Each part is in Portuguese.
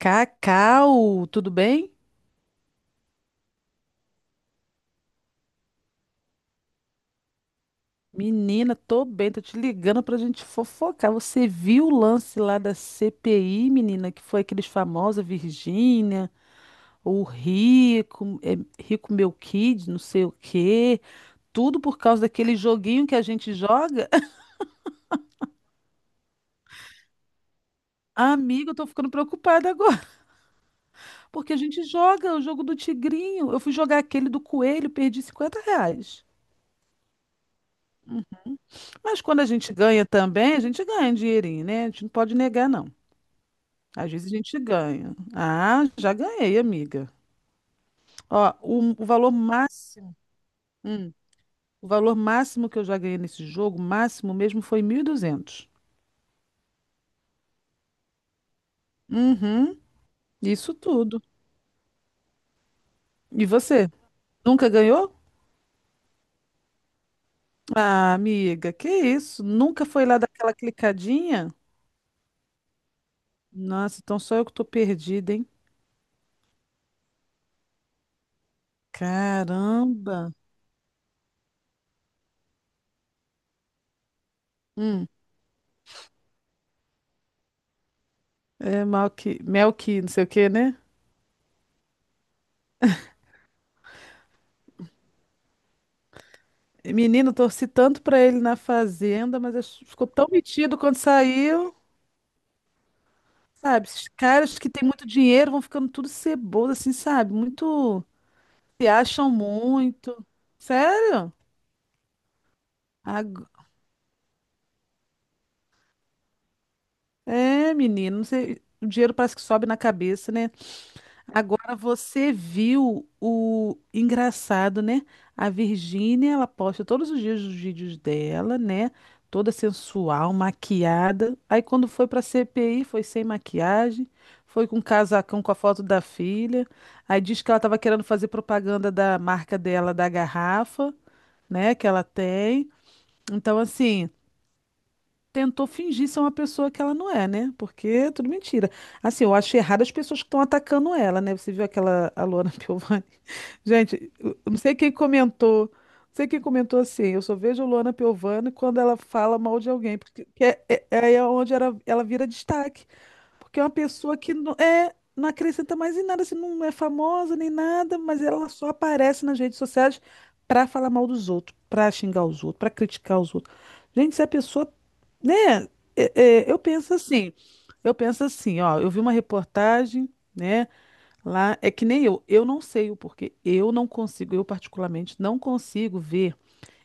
Cacau, tudo bem? Menina, tô bem, tô te ligando pra gente fofocar. Você viu o lance lá da CPI, menina, que foi aqueles famosos, a Virgínia, o Rico, Rico Meu Kid, não sei o quê. Tudo por causa daquele joguinho que a gente joga. Amiga, eu tô ficando preocupada agora, porque a gente joga o jogo do tigrinho. Eu fui jogar aquele do coelho, perdi R$ 50. Mas quando a gente ganha também, a gente ganha um dinheirinho, né? A gente não pode negar, não. Às vezes a gente ganha. Ah, já ganhei, amiga. Ó, o valor máximo, o valor máximo que eu já ganhei nesse jogo, máximo mesmo, foi 1.200. Uhum, isso tudo. E você? Nunca ganhou? Ah, amiga, que isso? Nunca foi lá daquela clicadinha? Nossa, então só eu que tô perdida, hein? Caramba! Hum, é mal que, mel que, não sei o quê, né? Menino, torci tanto pra ele na fazenda, mas ficou tão metido quando saiu. Sabe, esses caras que têm muito dinheiro vão ficando tudo ceboso, assim, sabe? Muito. Se acham muito. Sério? Ag- É, menino, não sei. O dinheiro parece que sobe na cabeça, né? Agora você viu o engraçado, né? A Virgínia, ela posta todos os dias os vídeos dela, né? Toda sensual, maquiada. Aí quando foi pra CPI, foi sem maquiagem, foi com um casacão com a foto da filha. Aí diz que ela tava querendo fazer propaganda da marca dela, da garrafa, né, que ela tem. Então assim, tentou fingir ser uma pessoa que ela não é, né? Porque é tudo mentira. Assim, eu acho errado as pessoas que estão atacando ela, né? Você viu aquela a Luana Piovani? Gente, eu não sei quem comentou. Não sei quem comentou assim. Eu só vejo a Luana Piovani quando ela fala mal de alguém, porque que é onde era, ela vira destaque. Porque é uma pessoa que não, não acrescenta mais em nada, assim, não é famosa nem nada, mas ela só aparece nas redes sociais para falar mal dos outros, para xingar os outros, para criticar os outros. Gente, se a pessoa, né? é- é, eu penso assim, eu penso assim, ó, eu vi uma reportagem, né? Lá é que nem eu não sei o porquê, eu não consigo, eu particularmente não consigo ver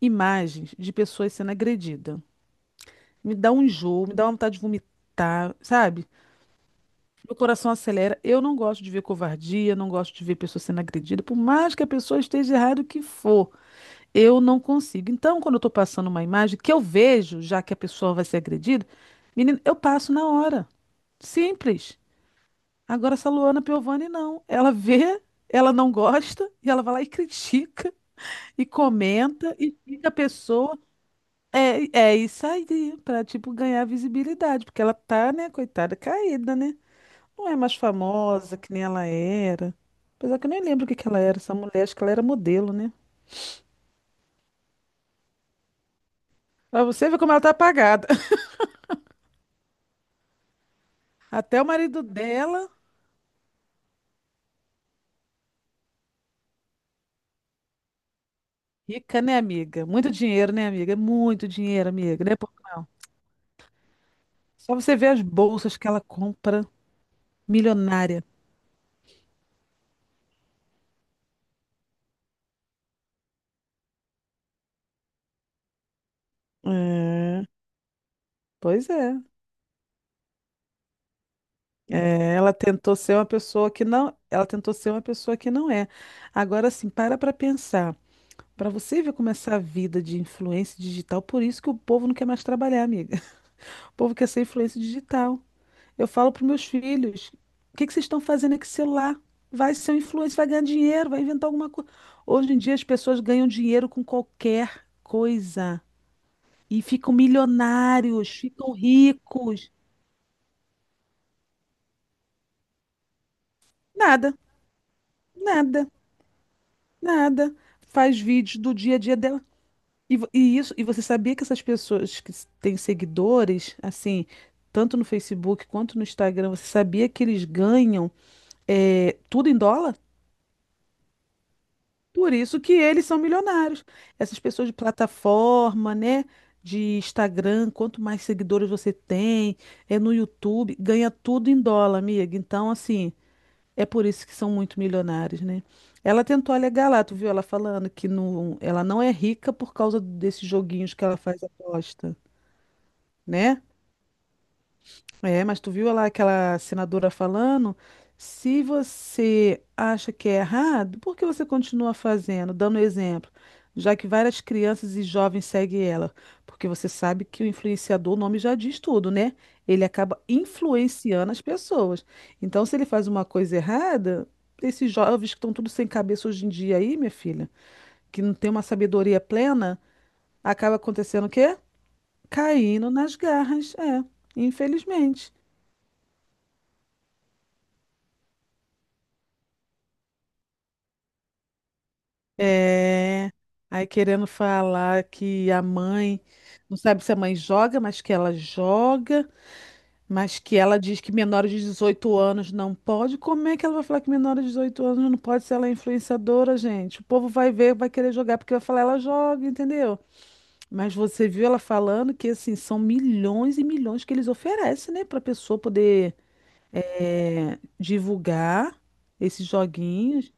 imagens de pessoas sendo agredidas. Me dá um enjoo, me dá uma vontade de vomitar, sabe? Meu coração acelera. Eu não gosto de ver covardia, não gosto de ver pessoa sendo agredida, por mais que a pessoa esteja errada o que for. Eu não consigo. Então, quando eu estou passando uma imagem que eu vejo, já que a pessoa vai ser agredida, menina, eu passo na hora. Simples. Agora, essa Luana Piovani, não. Ela vê, ela não gosta, e ela vai lá e critica, e comenta, e fica a pessoa. É, é isso aí, para tipo, ganhar visibilidade, porque ela tá, né, coitada, caída, né? Não é mais famosa que nem ela era. Apesar que eu nem lembro o que que ela era, essa mulher, acho que ela era modelo, né? Pra você ver como ela tá apagada. Até o marido dela, rica, né, amiga? Muito dinheiro, né, amiga? Muito dinheiro, amiga, né? Pouco não. Só você ver as bolsas que ela compra, milionária. É, pois é. É, ela tentou ser uma pessoa que não, ela tentou ser uma pessoa que não é. Agora sim, para pensar. Para você ver como essa vida de influência digital, por isso que o povo não quer mais trabalhar, amiga. O povo quer ser influência digital. Eu falo para meus filhos: o que que vocês estão fazendo aqui com celular? Vai ser um influencer, vai ganhar dinheiro, vai inventar alguma coisa. Hoje em dia as pessoas ganham dinheiro com qualquer coisa e ficam milionários, ficam ricos. Nada, nada, nada. Faz vídeos do dia a dia dela. E, e isso, e você sabia que essas pessoas que têm seguidores, assim, tanto no Facebook quanto no Instagram, você sabia que eles ganham tudo em dólar? Por isso que eles são milionários. Essas pessoas de plataforma, né? De Instagram, quanto mais seguidores você tem, é no YouTube, ganha tudo em dólar, amiga. Então, assim, é por isso que são muito milionários, né? Ela tentou alegar lá, tu viu ela falando que não, ela não é rica por causa desses joguinhos que ela faz aposta, né? É, mas tu viu lá aquela senadora falando? Se você acha que é errado, por que você continua fazendo, dando exemplo? Já que várias crianças e jovens seguem ela. Porque você sabe que o influenciador, o nome já diz tudo, né? Ele acaba influenciando as pessoas. Então, se ele faz uma coisa errada, esses jovens que estão tudo sem cabeça hoje em dia aí, minha filha, que não tem uma sabedoria plena, acaba acontecendo o quê? Caindo nas garras. É, infelizmente. Aí querendo falar que a mãe, não sabe se a mãe joga, mas que ela joga, mas que ela diz que menores de 18 anos não pode. Como é que ela vai falar que menores de 18 anos não pode se ela é influenciadora, gente? O povo vai ver, vai querer jogar porque vai falar ela joga, entendeu? Mas você viu ela falando que assim são milhões e milhões que eles oferecem, né, para pessoa poder divulgar esses joguinhos.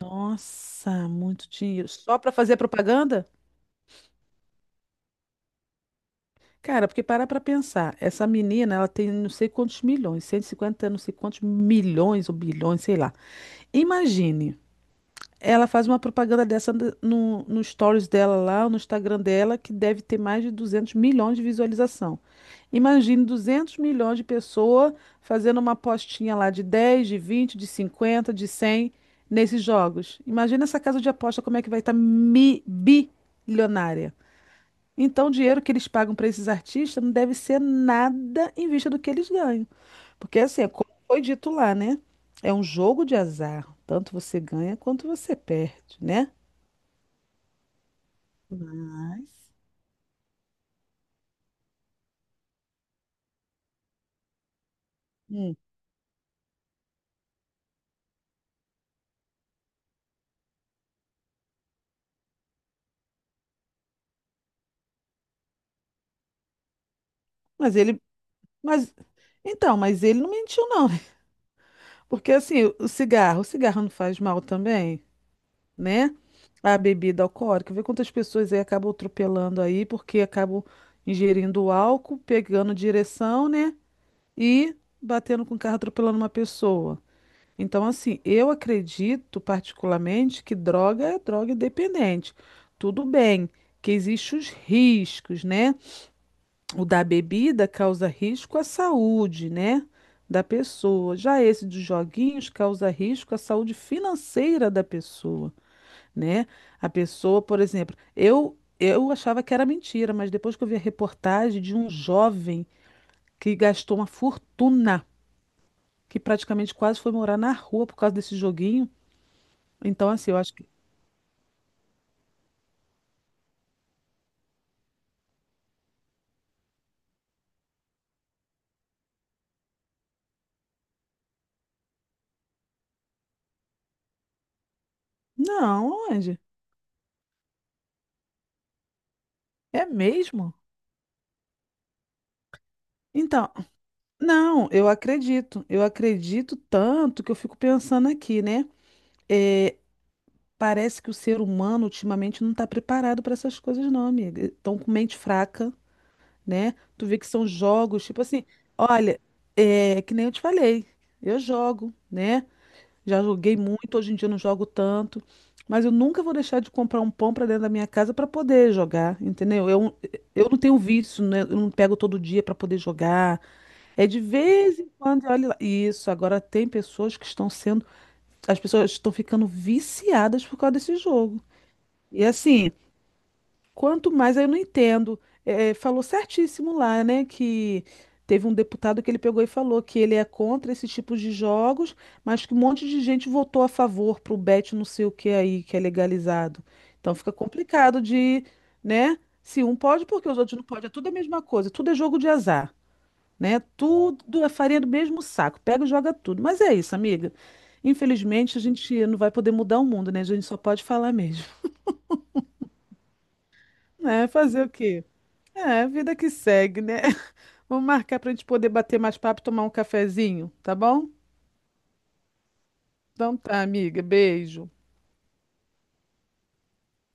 Nossa, muito dinheiro. Só para fazer propaganda? Cara, porque parar pra pensar, essa menina, ela tem não sei quantos milhões, 150 não sei quantos milhões ou bilhões, sei lá. Imagine, ela faz uma propaganda dessa no stories dela lá, no Instagram dela, que deve ter mais de 200 milhões de visualização. Imagine 200 milhões de pessoas fazendo uma apostinha lá de 10, de 20, de 50, de 100 nesses jogos. Imagina essa casa de aposta como é que vai estar bilionária. Então, o dinheiro que eles pagam para esses artistas não deve ser nada em vista do que eles ganham. Porque, assim, é como foi dito lá, né? É um jogo de azar. Tanto você ganha quanto você perde, né? Hum. Mas ele. Mas, então, mas ele não mentiu, não. Porque, assim, o cigarro não faz mal também, né? A bebida alcoólica. Vê quantas pessoas aí acabam atropelando aí, porque acabam ingerindo álcool, pegando direção, né? E batendo com o carro, atropelando uma pessoa. Então, assim, eu acredito particularmente que droga é droga dependente. Tudo bem que existem os riscos, né? O da bebida causa risco à saúde, né? Da pessoa. Já esse dos joguinhos causa risco à saúde financeira da pessoa, né? A pessoa, por exemplo, eu achava que era mentira, mas depois que eu vi a reportagem de um jovem que gastou uma fortuna, que praticamente quase foi morar na rua por causa desse joguinho. Então, assim, eu acho que. Não, Andy, é mesmo? Então, não, eu acredito. Eu acredito tanto que eu fico pensando aqui, né? É, parece que o ser humano ultimamente não está preparado para essas coisas, não, amiga. Estão com mente fraca, né? Tu vê que são jogos, tipo assim, olha, é que nem eu te falei, eu jogo, né? Já joguei muito, hoje em dia eu não jogo tanto, mas eu nunca vou deixar de comprar um pão para dentro da minha casa para poder jogar, entendeu? Eu não tenho vício, né? Eu não pego todo dia para poder jogar. É de vez em quando, olha lá. Isso, agora tem pessoas que estão sendo, as pessoas estão ficando viciadas por causa desse jogo. E assim, quanto mais aí eu não entendo. É, falou certíssimo lá, né? Que teve um deputado que ele pegou e falou que ele é contra esse tipo de jogos, mas que um monte de gente votou a favor pro bet não sei o que aí, que é legalizado. Então fica complicado de, né? Se um pode, porque os outros não podem. É tudo a mesma coisa, tudo é jogo de azar, né? Tudo é farinha do mesmo saco. Pega e joga tudo. Mas é isso, amiga. Infelizmente, a gente não vai poder mudar o mundo, né? A gente só pode falar mesmo. É, fazer o quê? É, vida que segue, né? Vamos marcar pra gente poder bater mais papo e tomar um cafezinho, tá bom? Então tá, amiga. Beijo.